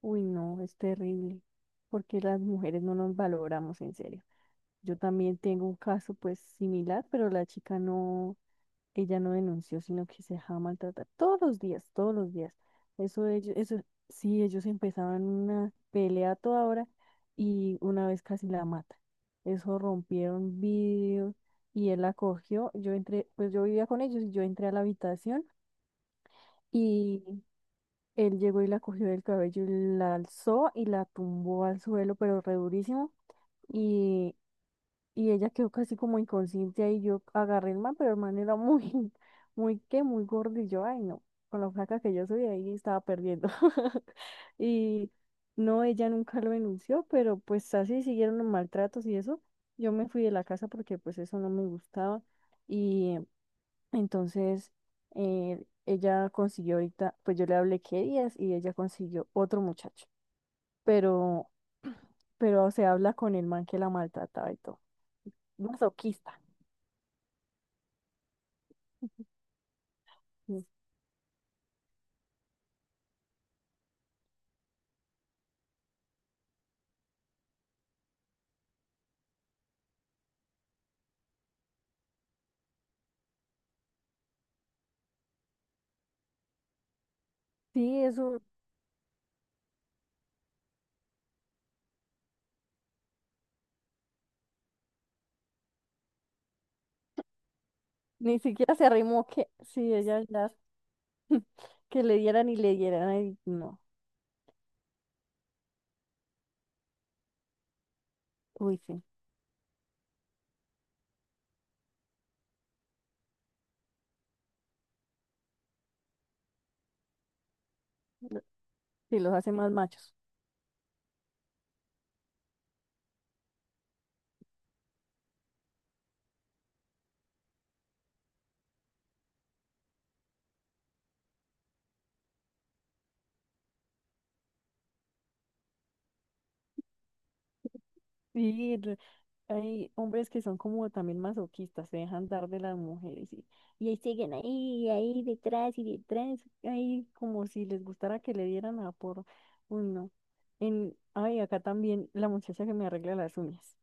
Uy, no, es terrible, porque las mujeres no nos valoramos en serio. Yo también tengo un caso pues similar, pero la chica no, ella no denunció, sino que se dejaba maltratar todos los días, todos los días. Eso ellos, eso, sí, ellos empezaban una pelea a toda hora y una vez casi la mata. Eso rompieron vidrios y él la cogió. Yo entré, pues yo vivía con ellos y yo entré a la habitación. Y él llegó y la cogió del cabello y la alzó y la tumbó al suelo, pero re durísimo. Y, y ella quedó casi como inconsciente ahí. Yo agarré el man, pero el man era muy, muy, ¿qué? Muy gordo. Y yo, ay, no, con la flaca que yo soy ahí estaba perdiendo. Y no, ella nunca lo denunció, pero pues así siguieron los maltratos y eso. Yo me fui de la casa porque pues eso no me gustaba. Y entonces, ella consiguió ahorita, pues yo le hablé qué días y ella consiguió otro muchacho, pero, pero se habla con el man que la maltrataba y todo. Masoquista. Sí, sí, eso, ni siquiera se arrimó que, sí, ella ya, que le dieran y le dieran, ay, no, uy, sí, lo- sí, los hace más machos. Sí, hay hombres que son como también masoquistas, se dejan dar de las mujeres y ahí siguen ahí, ahí detrás y detrás, ahí como si les gustara que le dieran a por, uy no. En, ay, acá también la muchacha que me arregla las uñas,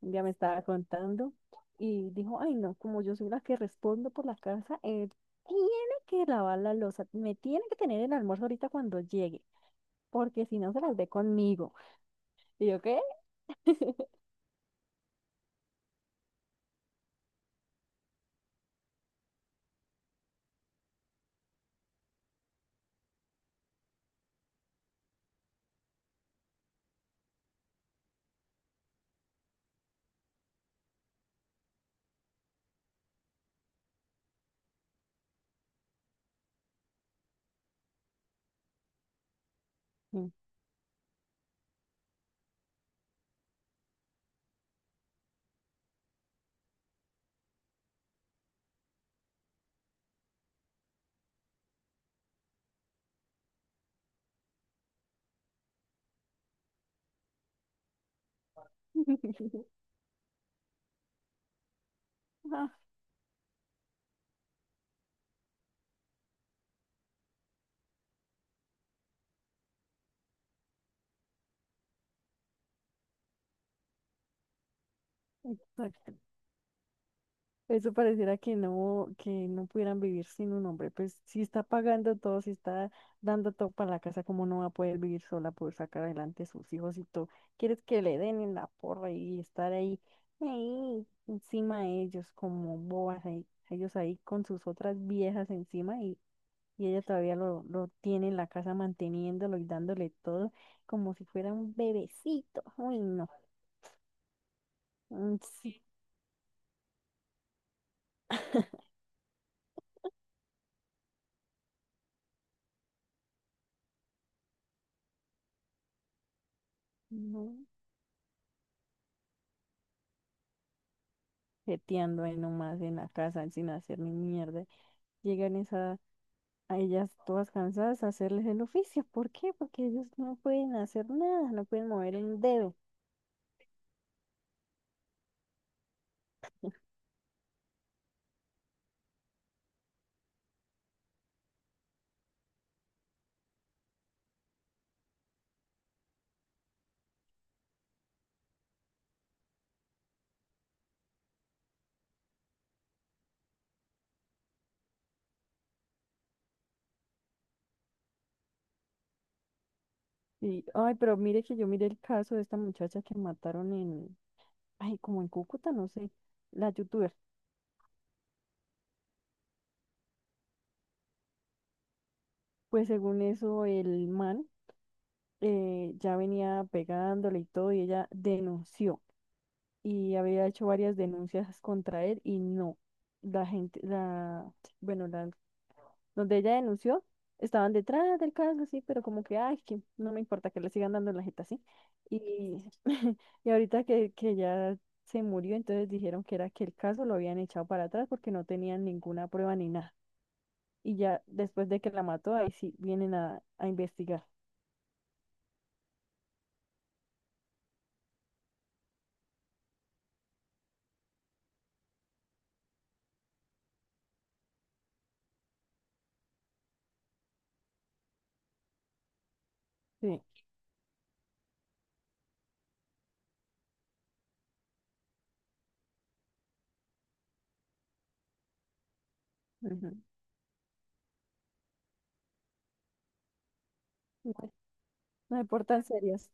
un día me estaba contando y dijo, ay no, como yo soy la que respondo por la casa, él tiene que lavar la loza, me tiene que tener el almuerzo ahorita cuando llegue, porque si no se las ve conmigo. ¿Y yo qué? Ah, exacto. Eso pareciera que no pudieran vivir sin un hombre. Pues si está pagando todo, si está dando todo para la casa, ¿cómo no va a poder vivir sola, poder sacar adelante a sus hijos y todo? ¿Quieres que le den en la porra y estar ahí, ahí encima de ellos, como bobas, ahí, ellos ahí con sus otras viejas encima y ella todavía lo tiene en la casa manteniéndolo y dándole todo como si fuera un bebecito? Uy, no. Mm, sí. No. Jeteando ahí nomás en la casa sin hacer ni mierda. Llegan esa, a ellas todas cansadas a hacerles el oficio. ¿Por qué? Porque ellos no pueden hacer nada, no pueden mover un dedo. Y, ay, pero mire que yo miré el caso de esta muchacha que mataron en, ay, como en Cúcuta, no sé, la youtuber. Pues según eso, el man ya venía pegándole y todo, y ella denunció. Y había hecho varias denuncias contra él y no. La gente, la, bueno, la donde ella denunció, estaban detrás del caso, así, pero como que, ay, que no me importa que le sigan dando en la jeta, así. Y, y ahorita que ya se murió, entonces dijeron que era que el caso lo habían echado para atrás porque no tenían ninguna prueba ni nada. Y ya después de que la mató, ahí sí vienen a investigar. Sí. Ujú. No, no se portan serias.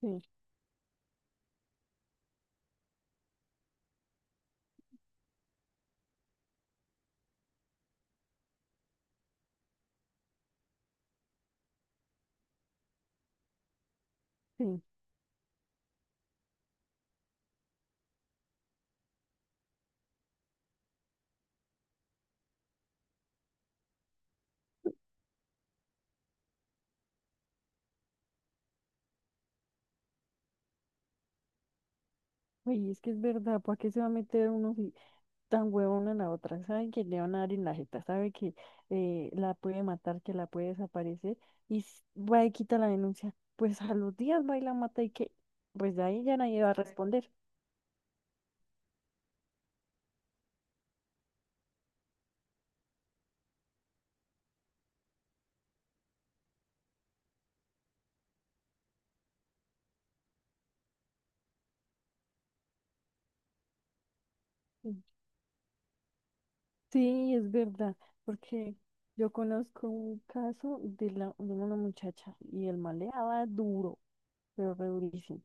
Sí, sí. Oye, es que es verdad, ¿para qué se va a meter uno? Si tan huevona la otra, sabe que le van a dar en la jeta, sabe que la puede matar, que la puede desaparecer, y va y quita la denuncia, pues a los días va y la mata y que, pues de ahí ya nadie va a responder. Mm. Sí, es verdad, porque yo conozco un caso de, la, de una muchacha y el man le daba duro, pero re durísimo,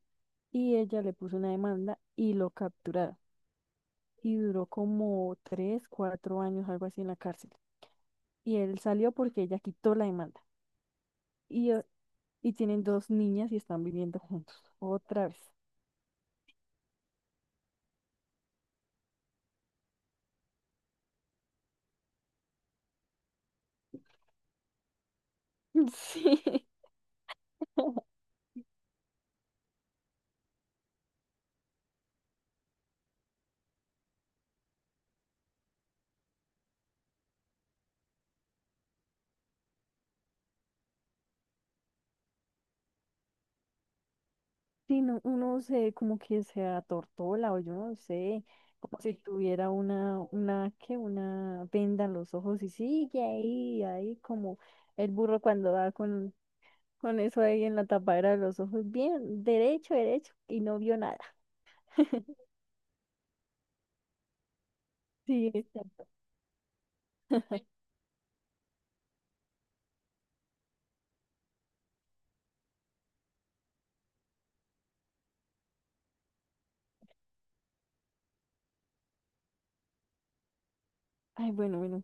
y ella le puso una demanda y lo capturaron, y duró como 3, 4 años, algo así en la cárcel, y él salió porque ella quitó la demanda. y, eh, y tienen dos niñas y están viviendo juntos. Otra vez. Sí. Sí, no, uno se como que se atortola o yo no sé, como si tuviera una, que una venda en los ojos y sigue ahí, ahí como el burro cuando va con eso ahí en la tapadera de los ojos, bien, derecho, derecho, y no vio nada. Sí, exacto. Ay, bueno, bueno.